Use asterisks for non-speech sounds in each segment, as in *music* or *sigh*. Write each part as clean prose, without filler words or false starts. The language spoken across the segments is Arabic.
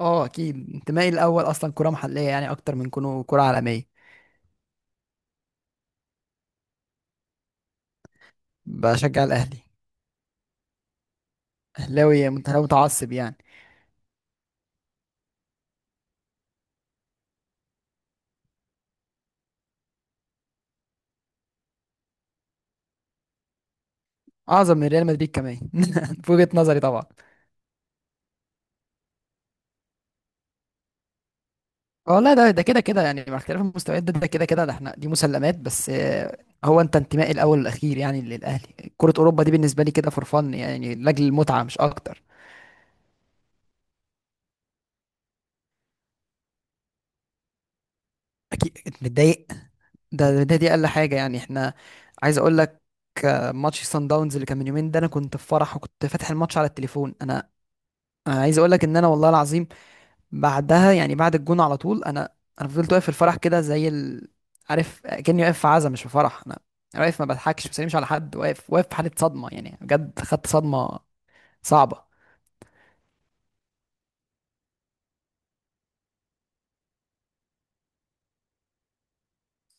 اه، اكيد انتمائي الاول اصلا كره محليه، يعني اكتر من كونه كره عالميه. بشجع الاهلي. اهلاوي متعصب يعني. اعظم من ريال مدريد كمان. *laughs* في وجهه نظري طبعا. والله ده كده كده يعني، مع اختلاف المستويات ده كده كده، ده احنا دي مسلمات. بس هو انت انتمائي الاول والاخير يعني للاهلي. كره اوروبا دي بالنسبه لي كده فور فن، يعني لاجل المتعه مش اكتر. اكيد متضايق. ده دي اقل حاجه يعني. احنا عايز اقول لك، ماتش سان داونز اللي كان من يومين ده، انا كنت في فرح وكنت فاتح الماتش على التليفون. انا عايز اقول لك ان انا والله العظيم بعدها، يعني بعد الجون على طول، انا فضلت واقف في الفرح كده زي عارف، كاني واقف في عزا مش في فرح. انا أنا واقف ما بضحكش، ما بسلمش على حد، واقف واقف في حاله صدمه يعني، بجد خدت صدمه صعبه.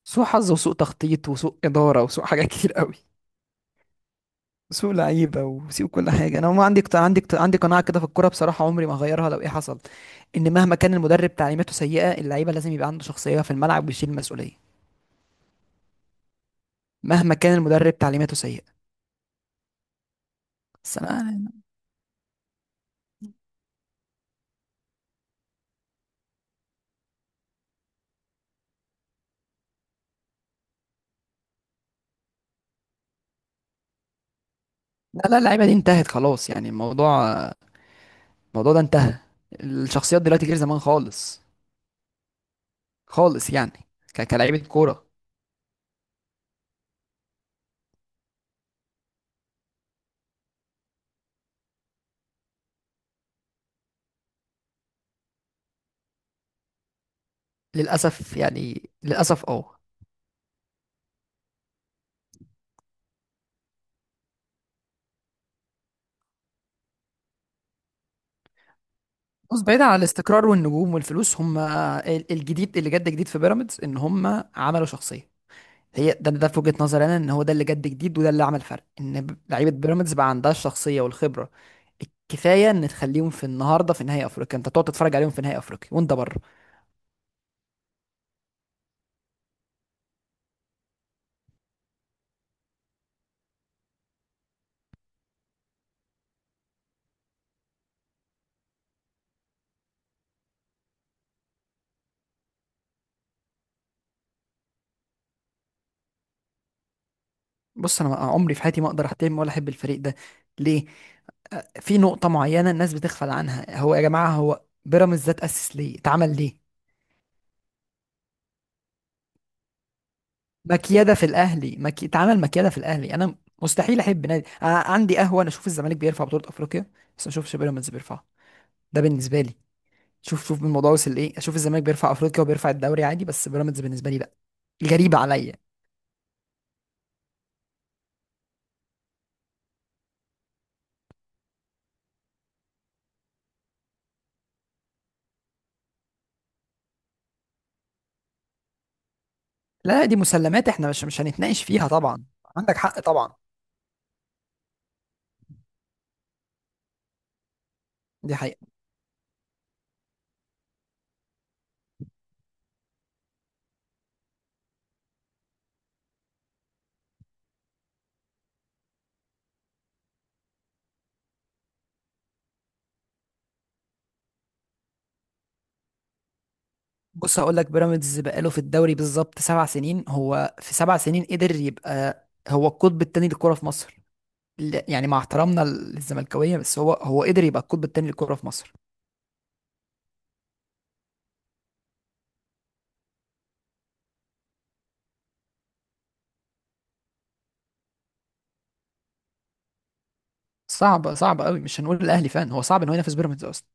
سوء حظ وسوء تخطيط وسوء اداره وسوء حاجات *laughs* كتير قوي. سوء لعيبه وسوء كل حاجه. انا ما عندي عندي قناعه كده في الكوره بصراحه، عمري ما هغيرها لو ايه حصل، ان مهما كان المدرب تعليماته سيئه، اللعيبه لازم يبقى عنده شخصيه في الملعب ويشيل المسؤوليه. مهما كان المدرب تعليماته سيئه. بس انا. لا لا، اللعيبه دي انتهت خلاص يعني. الموضوع ده انتهى. الشخصيات دلوقتي غير زمان خالص. خالص يعني، كلاعيبه كوره. للاسف يعني، للاسف اه. بص، بعيدا عن الاستقرار والنجوم والفلوس، هم الجديد اللي جد جديد في بيراميدز ان هم عملوا شخصيه. هي ده في وجهه نظري انا، ان هو ده اللي جد جديد وده اللي عمل فرق، ان لعيبه بيراميدز بقى عندها الشخصيه والخبره الكفايه ان تخليهم في النهارده في نهائي افريقيا، انت تقعد تتفرج عليهم في نهائي افريقيا وانت بره. بص انا عمري في حياتي ما اقدر احترم ولا احب الفريق ده. ليه؟ في نقطه معينه الناس بتغفل عنها. هو يا جماعه هو بيراميدز ده اتاسس ليه، اتعمل ليه؟ مكيده في الاهلي، اتعمل مكيده في الاهلي. انا مستحيل احب نادي. أنا عندي قهوه، انا اشوف الزمالك بيرفع بطوله افريقيا بس ما اشوفش بيراميدز بيرفعها. ده بالنسبه لي. شوف شوف الموضوع وصل لايه، اشوف الزمالك بيرفع افريقيا وبيرفع الدوري عادي، بس بيراميدز بالنسبه لي لا. غريبه عليا. لا دي مسلمات، احنا مش هنتناقش فيها طبعا. عندك حق طبعا. دي حقيقه. بص هقول لك، بيراميدز بقاله في الدوري بالظبط سبع سنين، هو في سبع سنين قدر يبقى هو القطب الثاني للكرة في مصر. يعني مع احترامنا للزملكاوية، بس هو قدر يبقى القطب الثاني للكرة في مصر. صعب، صعب قوي. مش هنقول الاهلي، فان هو صعب ان هو ينافس بيراميدز اصلا.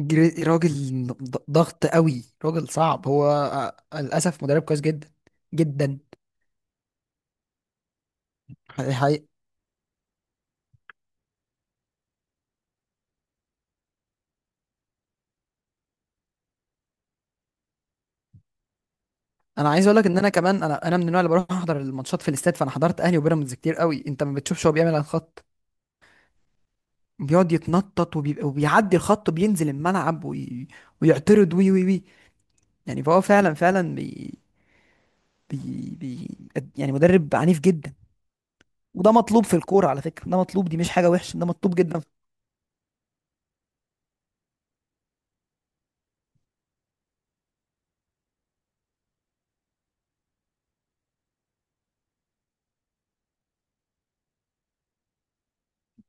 راجل ضغط قوي، راجل صعب. هو للاسف مدرب كويس جدا، جدا. حقيقي. انا عايز اقول لك ان انا كمان، انا من النوع اللي بروح احضر الماتشات في الاستاد، فانا حضرت اهلي وبيراميدز كتير قوي. انت ما بتشوفش هو بيعمل على الخط، بيقعد يتنطط وبيبقى وبيعدي الخط بينزل الملعب ويعترض وي. يعني فهو فعلا فعلا بي... بي... يعني مدرب عنيف جدا. وده مطلوب في الكورة على فكرة، ده مطلوب، دي مش حاجة وحشة، ده مطلوب جدا.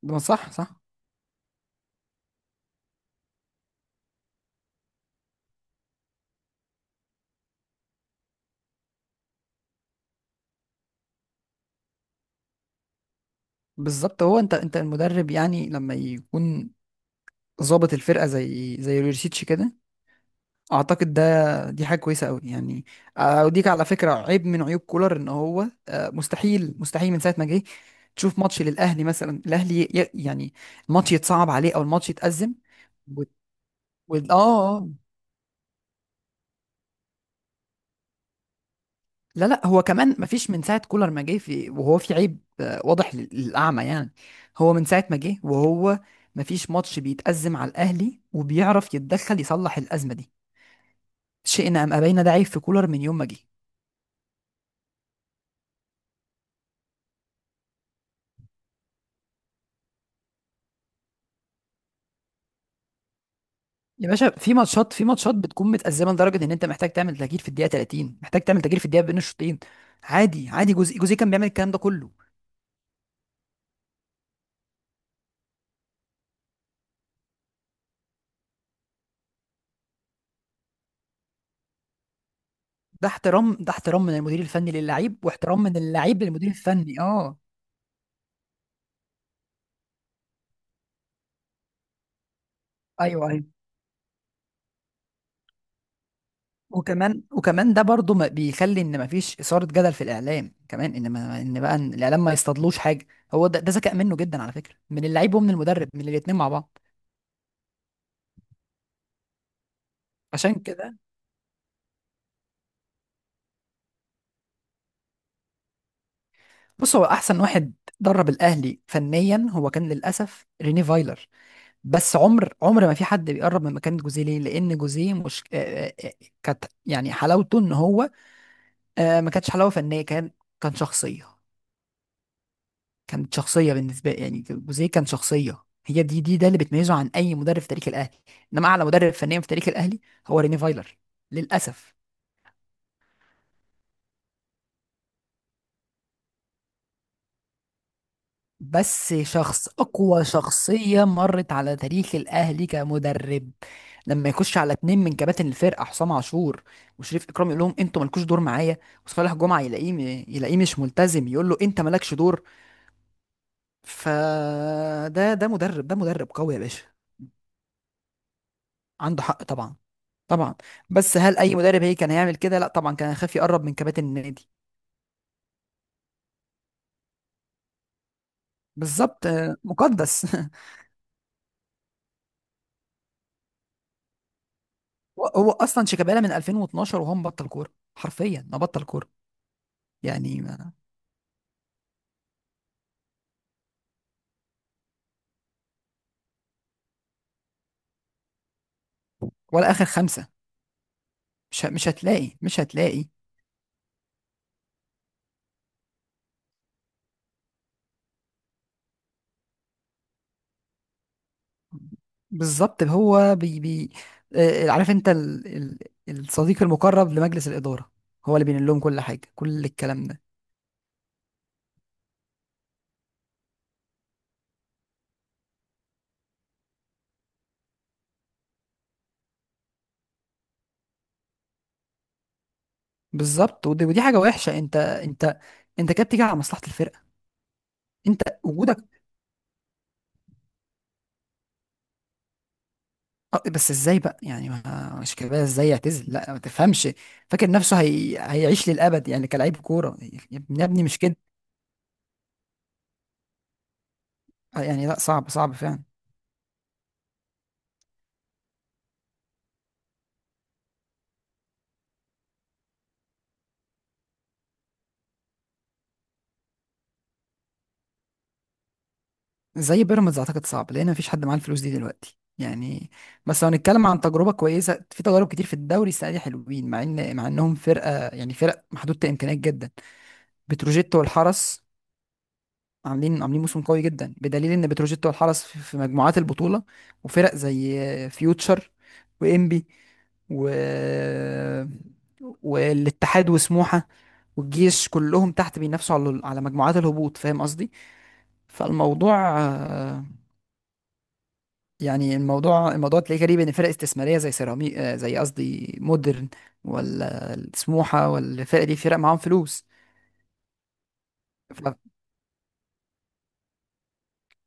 ما صح صح. بالظبط، هو انت انت المدرب يعني لما يكون ظابط الفرقه زي زي ريوشيتش كده، اعتقد دي حاجه كويسه قوي يعني. اوديك على فكره، عيب من عيوب كولر ان هو، مستحيل مستحيل من ساعه ما جه تشوف ماتش للاهلي مثلا الاهلي يعني الماتش يتصعب عليه او الماتش يتأزم. و... اه. آه. لا لا، هو كمان ما فيش من ساعه كولر ما جه، في وهو في عيب واضح للاعمى يعني. هو من ساعه ما جه وهو ما فيش ماتش بيتأزم على الاهلي وبيعرف يتدخل يصلح الازمه دي. شئنا ام ابينا، ده عيب في كولر من يوم ما جه. يا باشا، في ماتشات بتكون متأزمة لدرجة ان انت محتاج تعمل تغيير في الدقيقة 30، محتاج تعمل تغيير في الدقيقة بين الشوطين. عادي، عادي. جوزي كان بيعمل الكلام ده كله. ده احترام من المدير الفني للاعيب، واحترام من اللاعب للمدير الفني اه. ايوه، ايوه. وكمان، وكمان ده برضو ما بيخلي ان ما فيش إثارة جدل في الاعلام كمان، ان ما ان بقى إن الاعلام ما يصطادلوش حاجة. هو ده، ده ذكاء منه جدا على فكرة، من اللعيب ومن المدرب، من الاتنين مع بعض. عشان كده. بص هو احسن واحد درب الاهلي فنيا، هو كان للاسف ريني فايلر. بس عمر ما في حد بيقرب من مكانة جوزيه. ليه؟ لأن جوزيه مش، كانت يعني حلاوته إن هو، ما كانتش حلاوة فنية، كان كان شخصية. كانت شخصية بالنسبة يعني. جوزيه كان شخصية، هي دي ده اللي بتميزه عن أي مدرب في تاريخ الأهلي. إنما أعلى مدرب فنيا في تاريخ الأهلي هو ريني فايلر، للأسف. بس شخص، أقوى شخصية مرت على تاريخ الأهلي كمدرب. لما يخش على اتنين من كباتن الفرقة، حسام عاشور وشريف إكرام، يقول لهم أنتوا مالكوش دور معايا. وصالح جمعة يلاقيه يلاقيه مش ملتزم، يقول له أنت مالكش دور. فده مدرب، ده مدرب قوي يا باشا. عنده حق طبعا. طبعا. بس هل أي مدرب هي كان هيعمل كده؟ لا طبعا، كان هيخاف يقرب من كباتن النادي. بالظبط. مقدس. *laughs* هو أصلا شيكابالا من 2012 وهو مبطل كورة، حرفيا ما بطل كورة يعني. ولا اخر خمسه. مش هتلاقي. بالظبط هو بي بي عارف انت الصديق المقرب لمجلس الاداره، هو اللي بينقل لهم كل حاجه، كل الكلام ده. بالظبط. ودي حاجه وحشه. انت انت، انت كده بتيجي على مصلحه الفرقه، انت وجودك. بس ازاي بقى يعني؟ ما مش كده، ازاي يعتزل؟ لا ما تفهمش، فاكر نفسه هيعيش للابد يعني كلاعب كوره. يا ابني يا ابني مش كده يعني. لا صعب، صعب فعلا. زي بيراميدز اعتقد صعب، لان مفيش حد معاه الفلوس دي دلوقتي يعني. بس لو هنتكلم عن تجربه كويسه، في تجارب كتير في الدوري السنه دي حلوين، مع ان مع انهم فرقه يعني، فرق محدوده الامكانيات جدا. بتروجيت والحرس عاملين موسم قوي جدا، بدليل ان بتروجيت والحرس في مجموعات البطوله. وفرق زي فيوتشر وانبي و والاتحاد وسموحه والجيش كلهم تحت، بينافسوا على مجموعات الهبوط، فاهم قصدي. فالموضوع يعني، الموضوع تلاقيه غريب، ان فرق استثماريه زي سيراميك، زي قصدي مودرن ولا سموحه ولا الفرق دي، فرق معاهم فلوس.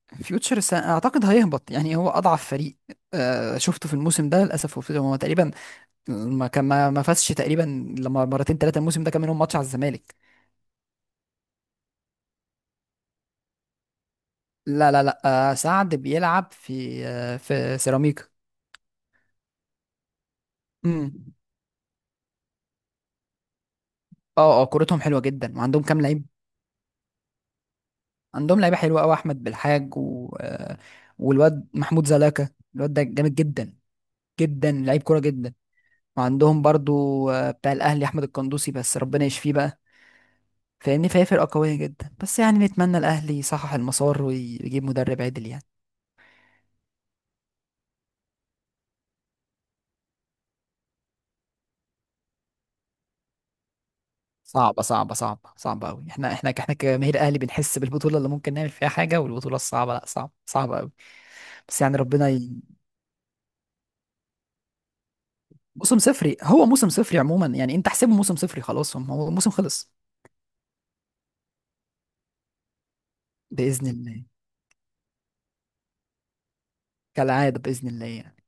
ففيوتشر اعتقد هيهبط يعني، هو اضعف فريق شفته في الموسم ده للاسف. هو تقريبا ما كان، ما فازش تقريبا لما مرتين ثلاثه الموسم ده، كان منهم ماتش على الزمالك. لا لا لا، سعد بيلعب في في سيراميكا. امم. اه اه، كورتهم حلوه جدا وعندهم كام لعيب. عندهم لعيبه حلوه قوي، احمد بالحاج و... آه، والواد محمود زلاكا، الواد ده جامد جدا، جدا لعيب كوره جدا. وعندهم برضو بتاع الاهلي احمد القندوسي، بس ربنا يشفيه بقى. فاهمني، فهي فرقه قويه جدا، بس يعني نتمنى الاهلي يصحح المسار ويجيب مدرب عدل يعني. صعبه، صعبه قوي. احنا، احنا كجماهير اهلي بنحس بالبطوله اللي ممكن نعمل فيها حاجه، والبطوله الصعبه لا، صعبه صعبه قوي. بس يعني ربنا موسم صفري، هو موسم صفري عموما يعني، انت احسبه موسم صفري خلاص، هو الموسم خلص. بإذن الله. كالعادة بإذن الله يعني.